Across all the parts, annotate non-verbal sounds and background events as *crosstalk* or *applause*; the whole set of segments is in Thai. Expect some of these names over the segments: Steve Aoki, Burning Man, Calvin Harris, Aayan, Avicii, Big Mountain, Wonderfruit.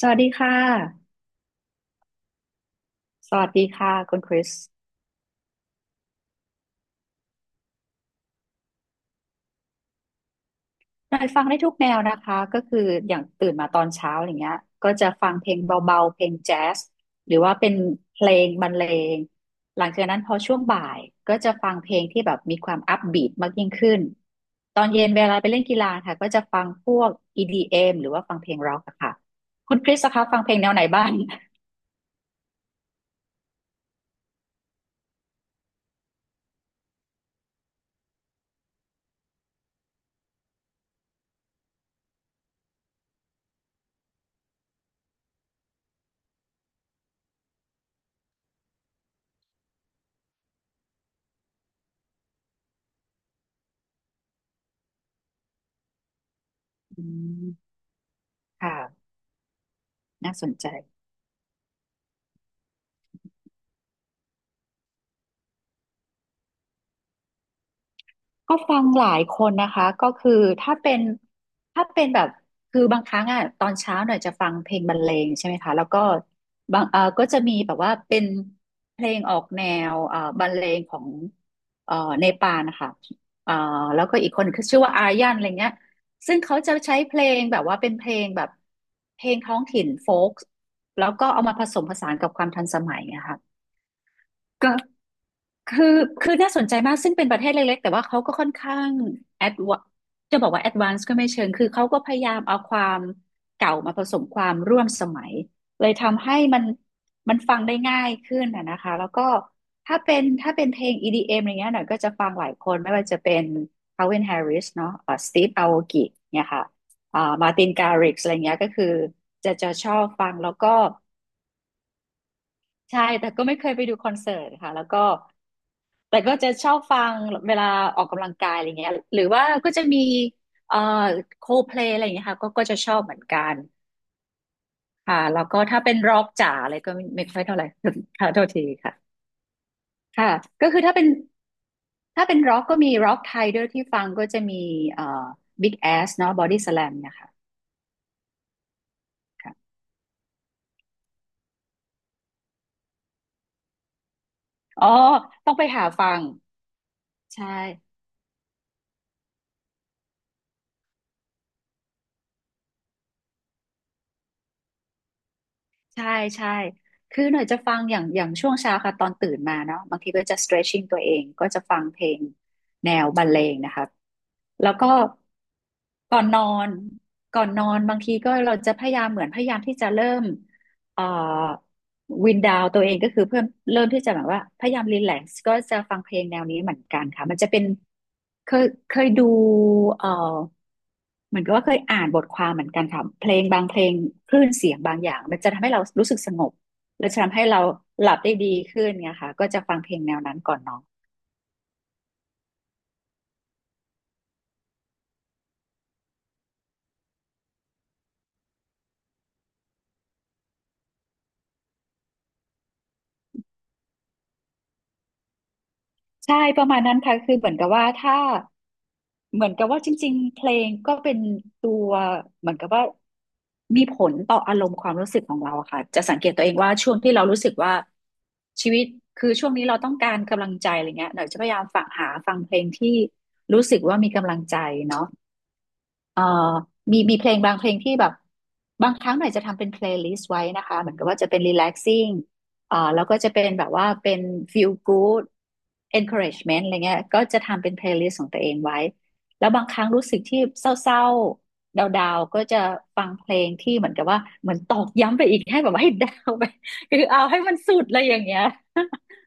สวัสดีค่ะ สวัสดีค่ะคุณคริส หน่อยฟังได้ทุกแนวนะคะก็คืออย่างตื่นมาตอนเช้าอย่างเงี้ยก็จะฟังเพลงเบาๆเพลงแจ๊สหรือว่าเป็นเพลงบรรเลงหลังจากนั้นพอช่วงบ่ายก็จะฟังเพลงที่แบบมีความอัพบีทมากยิ่งขึ้น ตอนเย็นเวลาไปเล่นกีฬาค่ะก็จะฟังพวก EDM หรือว่าฟังเพลงร็อกอะค่ะ คุณคริสคะฟังเพลงแนวไหนบ้างอืมค่ะน่าสนใจ ก็ฟังหลายคนนะคะก็คือถ้าเป็นถ้าเป็นแบบคือบางครั้งอ่ะตอนเช้าหน่อยจะฟังเพลงบรรเลงใช่ไหมคะแล้วก็บางก็จะมีแบบว่าเป็นเพลงออกแนวบรรเลงของเออเนปาลนะคะเออแล้วก็อีกคนคือชื่อว่าอายันอะไรเงี้ยซึ่งเขาจะใช้เพลงแบบว่าเป็นเพลงแบบเพลงท้องถิ่นโฟล์กแล้วก็เอามาผสมผสานกับความทันสมัยนะคะ ก็คือคือน่าสนใจมากซึ่งเป็นประเทศเล็กๆแต่ว่าเขาก็ค่อนข้างแอดวจะบอกว่าแอดวานซ์ก็ไม่เชิงคือเขาก็พยายามเอาความเก่ามาผสมความร่วมสมัยเลยทำให้มันฟังได้ง่ายขึ้นนะคะแล้วก็ถ้าเป็นเพลง EDM อมอะไรเงี้ยหน่อยก็จะฟังหลายคนไม่ว่าจะเป็น Calvin Harris เนาะSteve Aoki เนี่ยค่ะมาตินการิกอะไรเงี้ยก็คือจะชอบฟังแล้วก็ใช่แต่ก็ไม่เคยไปดูคอนเสิร์ตค่ะแล้วก็ แต่ก็จะชอบฟังเวลาออกกำลังกายอะไรเงี้ยหรือว่าก็จะมีเอ่อโคเพลอะไรอย่างเงี้ยค่ะก็จะชอบเหมือนกันค่ะแล้วก็ถ้าเป็นร็อกจ๋าอะไรก็ไม่ค่อยเท่าไหร่ *laughs* ค่ะโทษทีค่ะค่ะก็คือถ้าเป็นร็อกก็มีร็อกไทยด้วยที่ฟังก็จะมีเอ่อบิ๊กแอสเนาะบอดี้สแลมเนี่ยค่ะค่ะอ๋อต้องไปหาฟังใช่ ใช่ใช่คือหน่อยจะฟังอย่างช่วงเช้าค่ะตอนตื่นมาเนาะบางทีก็จะ stretching ตัวเองก็จะฟังเพลงแนวบรรเลงนะคะแล้วก็ก่อนนอนก่อนนอนบางทีก็เราจะพยายามเหมือนพยายามที่จะเริ่ม เอ่อวินดาวตัวเองก็คือเริ่มที่จะแบบว่าพยายามรีแลกซ์ก็จะฟังเพลงแนวนี้เหมือนกันค่ะมันจะเป็นเคยดูเอ่อเหมือนกับว่าเคยอ่านบทความเหมือนกันค่ะเพลงบางเพลงคลื่นเสียงบางอย่างมันจะทำให้เรารู้สึกสงบแล้จะทำให้เราหลับได้ดีขึ้นไงค่ะก็จะฟังเพลงแนวนั้นก่อนนอนใช่ประมาณนั้นค่ะคือเหมือนกับว่าถ้า เหมือนกับว่าจริงๆ เพลงก็เป็นตัวเหมือนกับว่ามีผลต่ออารมณ์ความรู้สึกของเราอะค่ะจะสังเกตตัวเองว่าช่วงที่เรารู้สึกว่าชีวิตคือช่วงนี้เราต้องการกำลังใจอะไรเงี้ยหน่อยจะพยายามฝังหาฟังเพลงที่รู้สึกว่ามีกำลังใจเนาะ เอ่อมีเพลงบางเพลงที่แบบบางครั้งหน่อยจะทำเป็นเพลย์ลิสต์ไว้นะคะเหมือนกับว่าจะเป็น relaxing แล้วก็จะเป็นแบบว่าเป็น feel good encouragement อะไรเงี้ยก็จะทำเป็นเพลย์ลิสต์ของตัวเองไว้แล้วบางครั้งรู้สึกที่เศร้าๆดาวๆก็จะฟังเพลงที่เหมือนกับว่าเหมือนตอกย้ำไปอีกให้แบบว่า *laughs* ให้ดาวไปคือเอาให้มันสุดอะไรอย่างเงี้ย *laughs*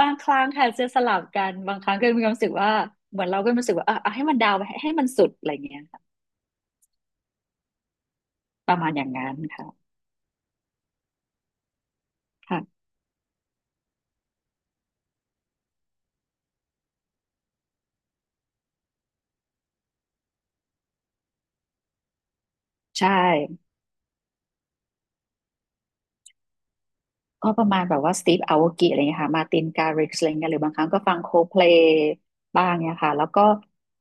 บางครั้งค่ะจะสลับกันบางครั้งก็มีความรู้สึกว่าเหมือนเราก็มีความรู้สึกว่าเออเอาให้มันดาวไปให้มันสุดอะไรเงี้ย ประมาณอย่างนั้นค่ะค่ะใช่ก็ประมาณแบบว่าสตีฟอาโวกิอะไรเงี้ยค่ะมาตินการิกอะไรเงี้ยหรือบางครั้งก็ฟังโคเพลย์บ้างเนี่ยค่ะแล้วก็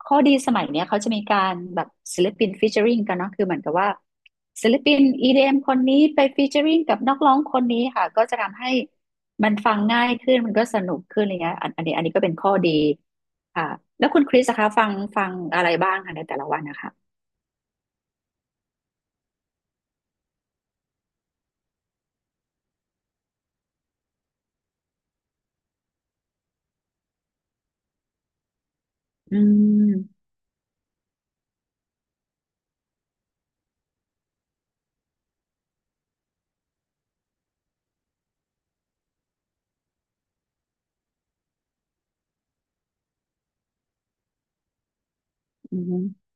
ข้อดีสมัยเนี้ยเขาจะมีการแบบศิลปินฟีเจอริงกันเนาะคือเหมือนกับว่าศิลปิน EDM คนนี้ไปฟีเจอริงกับนักร้องคนนี้ค่ะก็จะทำให้มันฟังง่ายขึ้นมันก็สนุกขึ้นอะไรเงี้ยอันนี้ก็เป็นข้อดีค่ะแล้วคุณคริสคะฟังอะไรบ้างคะในแต่ละวันนะคะอืมอืม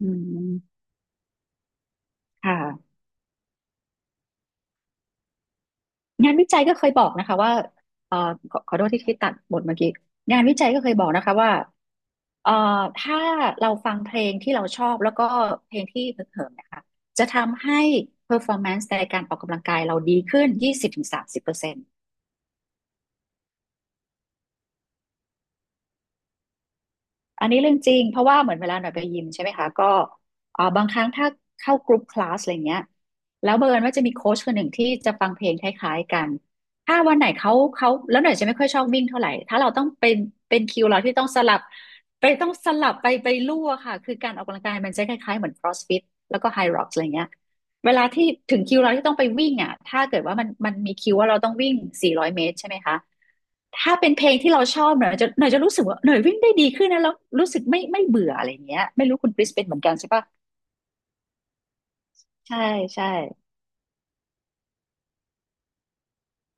อืมค่ะ งานวิจัยก็เคยบอกนะคะว่าเอ่อขอโทษที่ตัดบทเมื่อกี้งานวิจัยก็เคยบอกนะคะว่าเอ่อถ้าเราฟังเพลงที่เราชอบแล้วก็เพลงที่ฮึกเหิมนะคะจะทำให้ performance ในการออกกำลังกายเราดีขึ้น20-30%ถึงสามสิบเปอร์เซ็นต์ อันนี้เรื่องจริงเพราะว่าเหมือนเวลาหน่อยไปยิมใช่ไหมคะก็บางครั้งถ้าเข้ากรุ๊ปคลาสอะไรเงี้ยแล้วบังเอิญว่าจะมีโค้ชคนหนึ่งที่จะฟังเพลงคล้ายๆกันถ้าวันไหนเขาแล้วหน่อยจะไม่ค่อยชอบวิ่งเท่าไหร่ถ้าเราต้องเป็นเป็นคิวเราที่ต้องสลับไปต้องสลับไปไปลู่อะค่ะคือการออกกำลังกายมันจะคล้ายๆเหมือน CrossFit แล้วก็ High Rocks อะไรเงี้ย เวลาที่ถึงคิวเราที่ต้องไปวิ่งอ่ะ ถ้าเกิดว่ามันมีคิวว่าเราต้องวิ่ง400เมตรใช่ไหมคะ ถ้าเป็นเพลงที่เราชอบหน่อยจะรู้สึกว่าหน่อยวิ่งได้ดีขึ้นนะแล้วรู้สึกไม่เบื่ออะไรอย่างเงี้ย ไม่รู้คุณคริสเป็นเหมือนกันใช่ปะใช่ใช่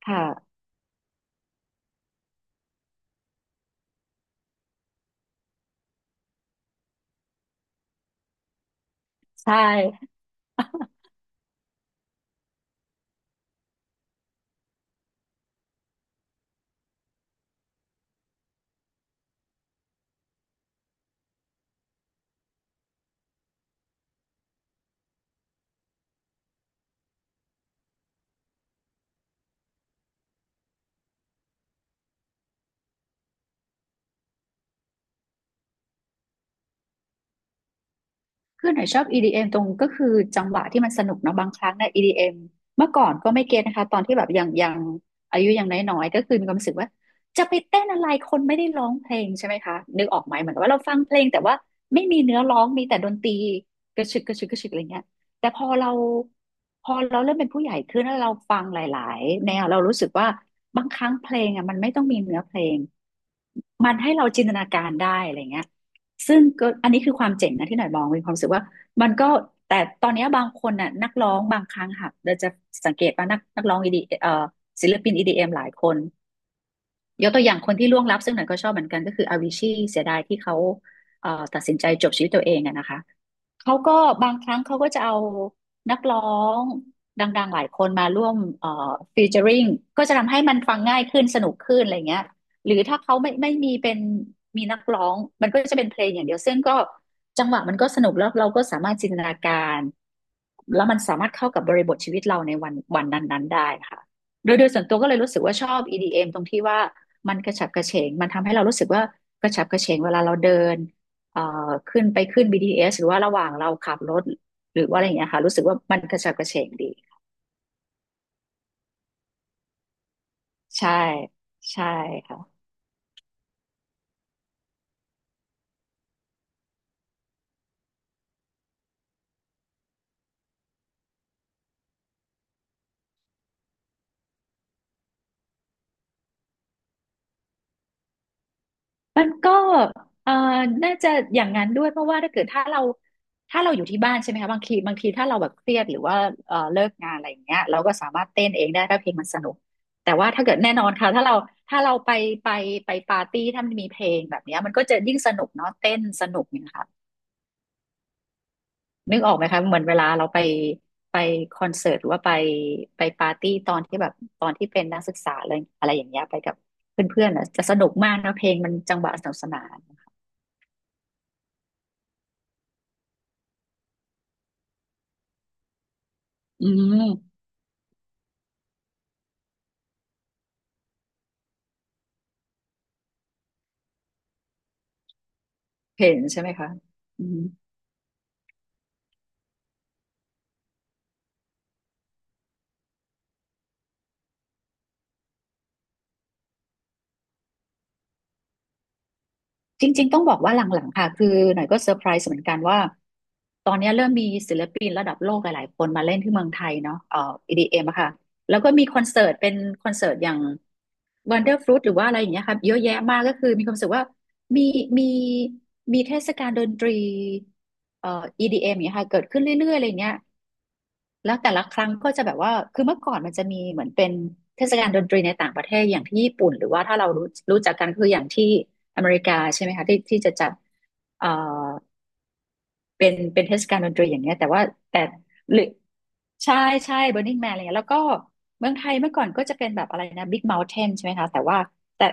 ค่ะใช่ คือหน่อยชอบ EDM ตรงก็คือจังหวะที่มันสนุกเนาะบางครั้งเนี่ย EDM เอ็มเมื่อก่อนก็ไม่เก็ตนะคะตอนที่แบบยังอายุยังน้อยๆก็คือมีความรู้สึกว่าจะไปเต้นอะไรคนไม่ได้ร้องเพลงใช่ไหมคะนึกออกไหมเหมือนกับว่าเราฟังเพลงแต่ว่าไม่มีเนื้อร้องมีแต่ดนตรีกระชึกกระชึกกระชึกอะไรเงี้ยแต่พอเราเริ่มเป็นผู้ใหญ่ขึ้นแล้วเราฟังหลายๆแนวเรารู้สึกว่าบางครั้งเพลงอ่ะมันไม่ต้องมีเนื้อเพลงมันให้เราจินตนาการได้อะไรเงี้ย ซึ่งก็อันนี้คือความเจ๋งนะที่หน่อยมองมีความรู้สึกว่ามันก็แต่ตอนเนี้ยบางคนน่ะนักร้องบางครั้งค่ะเราจะสังเกตว่านักร้องอีดีศิลปิน EDM หลายคนยกตัวอย่างคนที่ล่วงลับซึ่งหน่อยก็ชอบเหมือนกันก็คืออาวิชีเสียดายที่เขาตัดสินใจจบชีวิตตัวเองอะนะคะ เขาก็บางครั้งเขาก็จะเอานักร้องดังๆหลายคนมาร่วมฟีเจอริงก็จะทำให้มันฟังง่ายขึ้นสนุกขึ้นอะไรเงี้ยหรือถ้าเขาไม่มีเป็นมีนักร้องมันก็จะเป็นเพลงอย่างเดียวซึ่งก็จังหวะมันก็สนุกแล้วเราก็สามารถจินตนาการแล้วมันสามารถเข้ากับบริบทชีวิตเราในวันวันนั้นๆได้ค่ะโดยส่วนตัวก็เลยรู้สึกว่าชอบ EDM ตรงที่ว่ามันกระฉับกระเฉงมันทำให้เรารู้สึกว่ากระฉับกระเฉงเวลาเราเดิน เอ่อขึ้นไปขึ้น BTS หรือว่าระหว่างเราขับรถหรือว่าอะไรอย่างเงี้ยค่ะรู้สึกว่ามันกระฉับกระเฉงดีใช่ใช่ค่ะมันก็เอ่อน่าจะอย่างนั้นด้วยเพราะว่าถ้าเกิดถ้าเราอยู่ที่บ้านใช่ไหมคะบางทีถ้าเราแบบเครียดหรือว่าเลิกงานอะไรอย่างเงี้ยเราก็สามารถเต้นเองได้ถ้าเพลงมันสนุกแต่ว่าถ้าเกิดแน่นอนค่ะถ้าเราถ้าเราไปไปปาร์ตี้ถ้ามันมีเพลงแบบเนี้ยมันก็จะยิ่งสนุกเนาะเต้นสนุกเนี่ยค่ะ นึกออกไหมคะเหมือนเวลาเราไปไปคอนเสิร์ตหรือว่าไปปาร์ตี้ตอนที่แบบตอนที่เป็นนักศึกษาอะไรอะไรอย่างเงี้ยไปกับเพื่อนๆอ่ะจะสนุกมากนะเพลงมันจังหวะสนุกสนานอืมเห็นใช่ไหมคะอืม จริงๆ ต้องบอกว่าหลังๆ ค่ะ คือหน่อยก็เซอร์ไพรส์เหมือนกันว่าตอนนี้เริ่มมีศิลปินระดับโลกหลายๆคนมาเล่นที่เมืองไทยเนาะEDM อมอะค่ะ แล้วก็มีคอนเสิร์ตเป็นคอนเสิร์ตอย่าง Wonderfruit หรือว่าอะไรอย่างเงี้ยค่ะ เยอะแยะมากก็คือมีความรู้สึกว่ามีมีมีเทศกาลดนตรีเอ่อ EDM อมอย่างเงี้ยค่ะเกิดขึ้นเรื่อยๆอะไรเงี้ย แล้วแต่ละครั้งก็จะแบบว่าคือเมื่อก่อนมันจะมีเหมือนเป็นเทศกาลดนตรีในต่างประเทศอย่างที่ญี่ปุ่นหรือว่าถ้าเรารู้จักกันคืออย่างที่อเมริกาใช่ไหมคะที่ที่จะจัดเอ่อเป็นเป็นเทศกาลดนตรีอย่างเงี้ยแต่ว่าแต่หรือ ใช่ใช่ Burning Man อะไรเงี้ยแล้วก็เมืองไทยเมื่อก่อนก็จะเป็นแบบอะไรนะ Big Mountain ใช่ไหมคะแต่ว่าแต่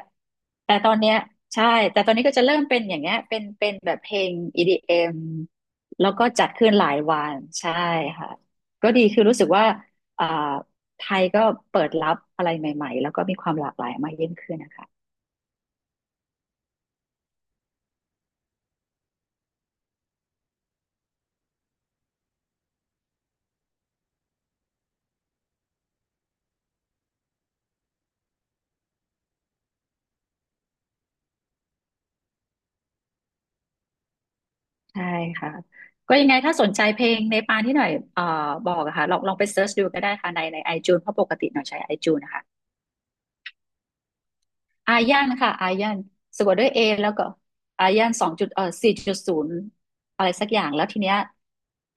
แต่ตอนเนี้ยใช่แต่ตอนนี้ก็จะเริ่มเป็นอย่างเงี้ยเป็นเป็นแบบเพลง EDM แล้วก็จัดขึ้นหลายวันใช่ค่ะก็ดีคือรู้สึกว่าอ่าไทยก็เปิดรับอะไรใหม่ๆแล้วก็มีความหลากหลายมากยิ่งขึ้นนะคะใช่ค่ะก็ยังไงถ้าสนใจเพลงในปานที่หน่อยบอกอะค่ะลองไปเซิร์ชดูก็ได้ค่ะใน iTunes เพราะปกติหน่อยใช้ iTunes นะคะ อายันค่ะอายันสะกดด้วยเอแล้วก็อายันสองจุดสี่จุดศูนย์อะไรสักอย่างแล้วทีเนี้ย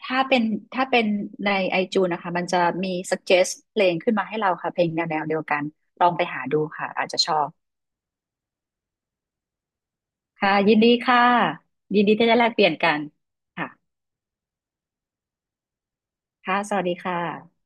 ถ้าเป็นถ้าเป็นในไอจูนนะคะมันจะมี suggest เพลงขึ้นมาให้เราค่ะเพลงแนวเดียวกันลองไปหาดูค่ะอาจจะชอบค่ะยินดีค่ะยินดีที่ได้แลกเปลี่ยนกันค่ะค่ะสวัสดีค่ะ